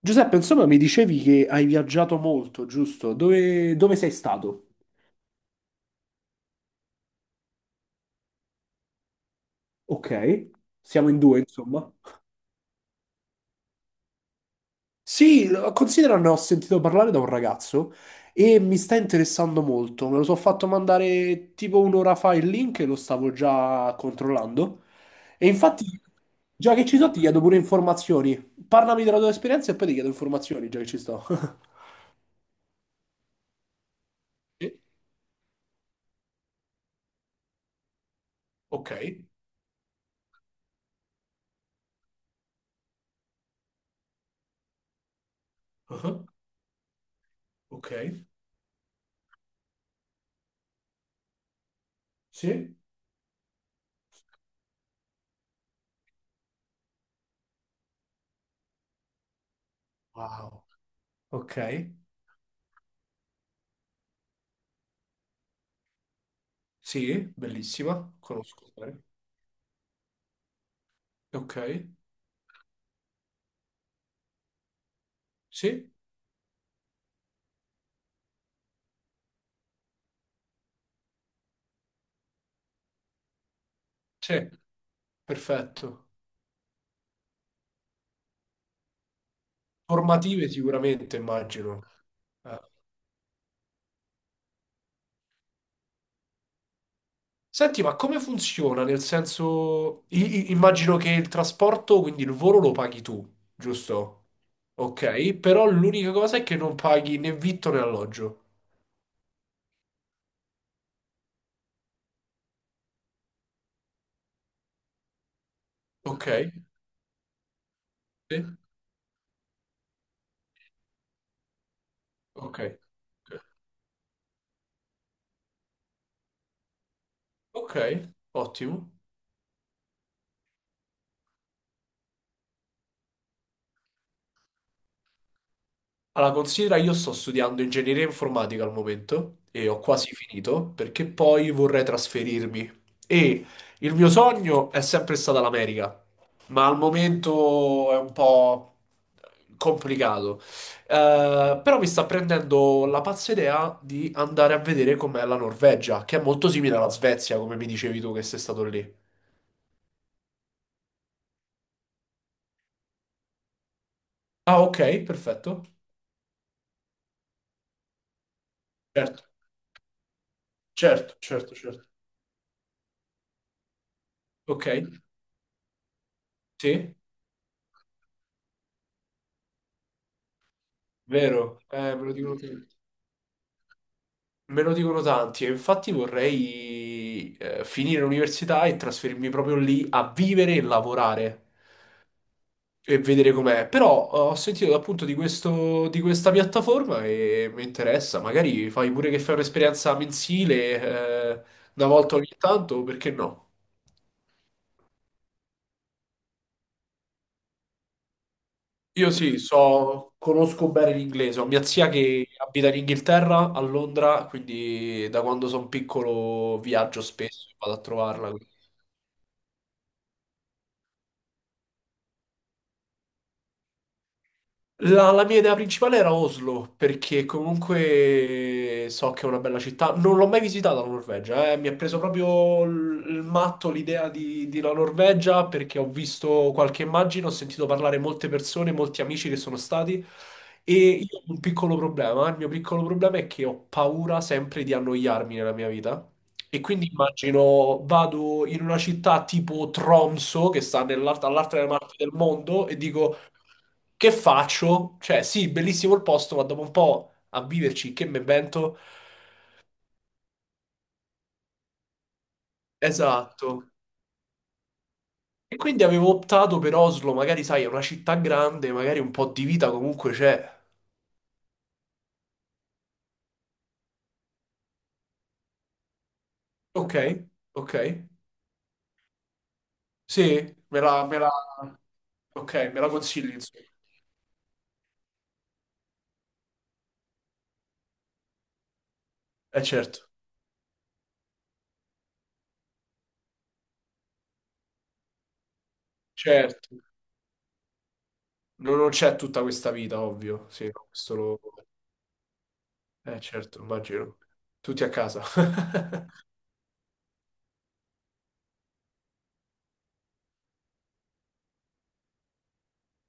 Giuseppe, insomma, mi dicevi che hai viaggiato molto, giusto? Dove sei stato? Ok, siamo in due, insomma. Sì, considera, ne ho sentito parlare da un ragazzo e mi sta interessando molto. Me lo sono fatto mandare tipo un'ora fa il link e lo stavo già controllando. E infatti, già che ci sto, ti chiedo pure informazioni. Parlami della tua esperienza e poi ti chiedo informazioni, già che ci sto. Sì, ok. Ah, ok. Sì. Wow. Ok. Sì, bellissima, conosco bene. Ok, sì, sì, perfetto. Formative sicuramente, immagino. Eh. Senti, ma come funziona? Nel senso, immagino che il trasporto, quindi il volo lo paghi tu, giusto? Ok, però l'unica cosa è che non paghi né vitto né alloggio. Ok, sì, ok, ok, ottimo. Allora, considera, io sto studiando ingegneria informatica al momento e ho quasi finito perché poi vorrei trasferirmi. E il mio sogno è sempre stata l'America, ma al momento è un po' complicato. Però mi sta prendendo la pazza idea di andare a vedere com'è la Norvegia, che è molto simile alla Svezia, come mi dicevi tu che sei stato lì. Ah, ok, perfetto. Certo, certo, certo, certo. Ok, sì, vero, me lo dicono tutti. Me lo dicono tanti e infatti vorrei finire l'università e trasferirmi proprio lì a vivere e lavorare e vedere com'è. Però ho sentito appunto di questo, di questa piattaforma e mi interessa. Magari fai pure che fai un'esperienza mensile eh, una volta ogni tanto, perché no? Io sì, so, conosco bene l'inglese. Ho mia zia che abita in Inghilterra, a Londra, quindi da quando sono piccolo viaggio spesso e vado a trovarla. La mia idea principale era Oslo, perché comunque so che è una bella città. Non l'ho mai visitata la Norvegia, eh. Mi ha preso proprio il matto l'idea di la Norvegia, perché ho visto qualche immagine, ho sentito parlare molte persone, molti amici che sono stati, e io ho un piccolo problema. Il mio piccolo problema è che ho paura sempre di annoiarmi nella mia vita. E quindi immagino vado in una città tipo Tromso, che sta all'altra parte del mondo, e dico, che faccio? Cioè, sì, bellissimo il posto, ma dopo un po' a viverci, che me invento? Esatto. E quindi avevo optato per Oslo, magari sai, è una città grande, magari un po' di vita comunque c'è. Ok, ok. Sì, ok, me la consigli, insomma. Eh certo, certo. Non c'è tutta questa vita, ovvio. Sì, no, questo lo. Eh certo, immagino. Tutti a casa.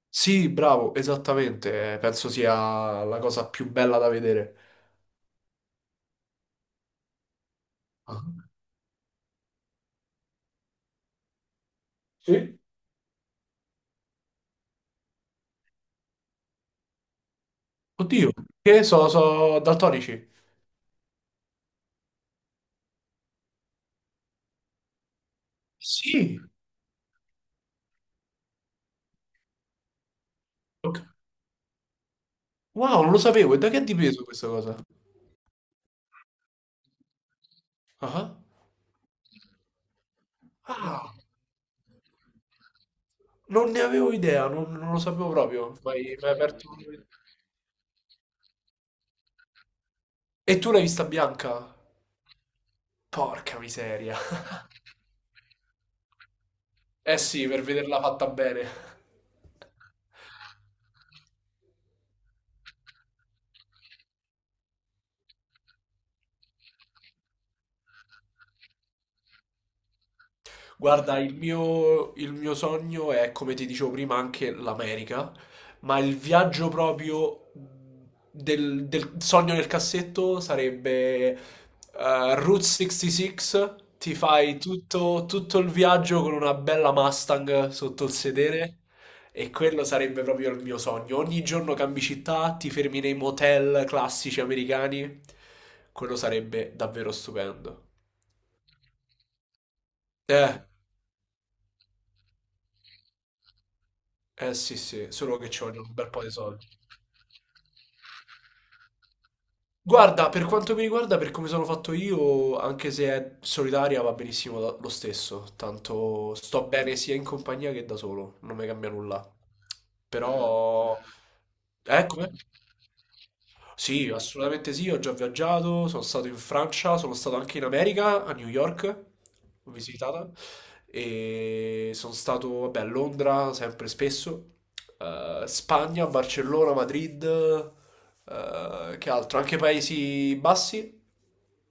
Sì, bravo, esattamente. Penso sia la cosa più bella da vedere. Ah. Sì? Oddio, che so, so daltonici. Sì. Ok. Wow, non lo sapevo. E da che è dipeso questa cosa? Ah, ah, non ne avevo idea, non lo sapevo proprio. Ma hai mi hai aperto un-. E tu l'hai vista bianca? Porca miseria. Eh sì, per vederla fatta bene. Guarda, il mio sogno è, come ti dicevo prima, anche l'America, ma il viaggio proprio del sogno nel cassetto sarebbe Route 66, ti fai tutto, tutto il viaggio con una bella Mustang sotto il sedere e quello sarebbe proprio il mio sogno. Ogni giorno cambi città, ti fermi nei motel classici americani, quello sarebbe davvero stupendo. Eh. Eh sì sì, solo che ci vogliono un bel po' di soldi. Guarda, per quanto mi riguarda, per come sono fatto io, anche se è solitaria va benissimo lo stesso, tanto sto bene sia in compagnia che da solo, non mi cambia nulla. Eh. Però. Ecco, sì, assolutamente sì, ho già viaggiato, sono stato in Francia, sono stato anche in America, a New York, ho visitata, e sono stato, vabbè, a Londra sempre spesso, Spagna, Barcellona, Madrid, che altro? Anche Paesi Bassi,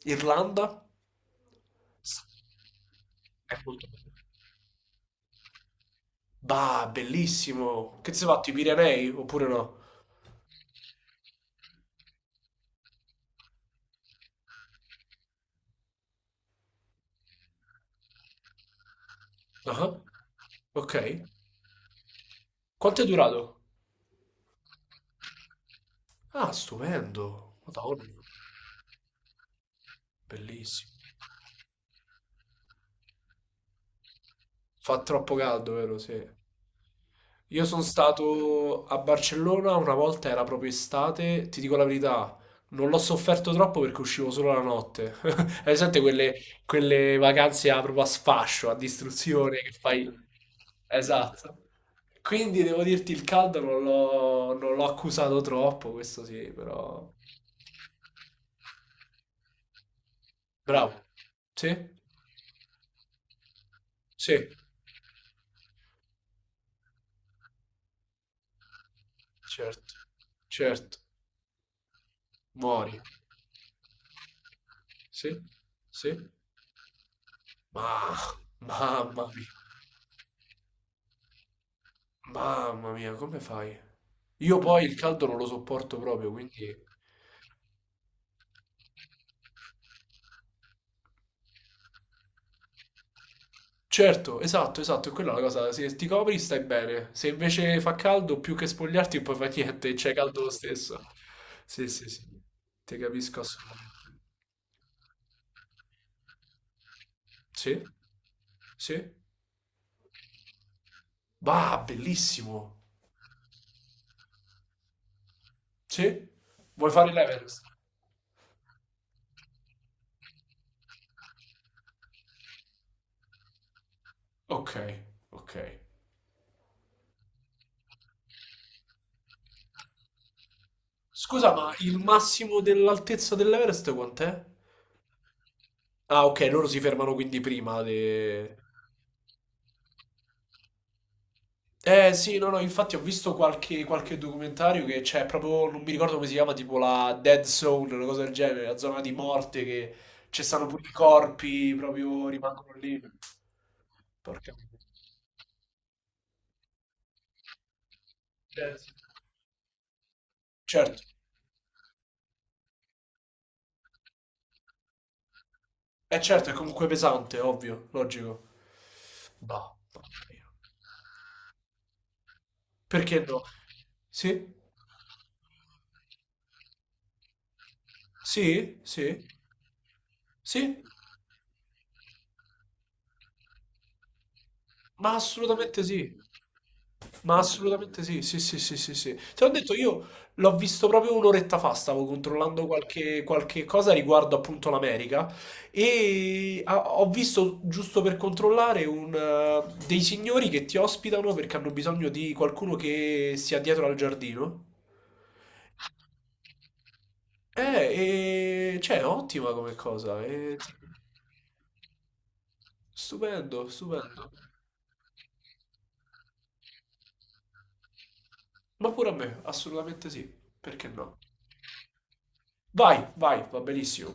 Irlanda, è molto bello. Bah, bellissimo! Che ti sei fatto, i Pirenei, oppure no? Ah, ok. Quanto è durato? Ah, stupendo, Madonna. Bellissimo. Fa troppo caldo, vero? Sì. Io sono stato a Barcellona una volta, era proprio estate, ti dico la verità, non l'ho sofferto troppo perché uscivo solo la notte. Hai presente quelle vacanze proprio a sfascio, a distruzione che fai? Esatto. Quindi devo dirti il caldo non l'ho accusato troppo, questo sì, però. Bravo. Sì? Sì, certo, certo. Muori. Sì? Sì? Ma, mamma mia, mamma mia, come fai? Io poi il caldo non lo sopporto proprio, quindi. Certo, esatto, esatto, è quella la cosa. Se ti copri stai bene. Se invece fa caldo, più che spogliarti, poi fa niente, e c'è caldo lo stesso. Sì, sì, sì. Ti capisco assolutamente. Sì? Sì? Bah, bellissimo. Sì? Vuoi fare l'Everest? Ok, ok. Scusa, ma il massimo dell'altezza dell'Everest quant'è? Ah, ok, loro si fermano quindi prima de-. Eh sì, no, no, infatti ho visto qualche documentario che c'è proprio, non mi ricordo come si chiama, tipo la Dead Zone, una cosa del genere, la zona di morte che ci stanno pure i corpi, proprio rimangono lì. Porca miseria. Sì. Certo, certo, è comunque pesante, ovvio, logico. Bah, porca mia. Perché no? Sì? Sì? Sì? Sì? Ma assolutamente sì. Ma assolutamente sì, sì, sì, sì, sì, sì. Te l'ho detto, io l'ho visto proprio un'oretta fa, stavo controllando qualche cosa riguardo appunto l'America e ho visto, giusto per controllare, dei signori che ti ospitano perché hanno bisogno di qualcuno che sia dietro al giardino. E cioè, ottima come cosa, ti-. Stupendo, stupendo. Ma pure a me, assolutamente sì, perché no? Vai, vai, va benissimo.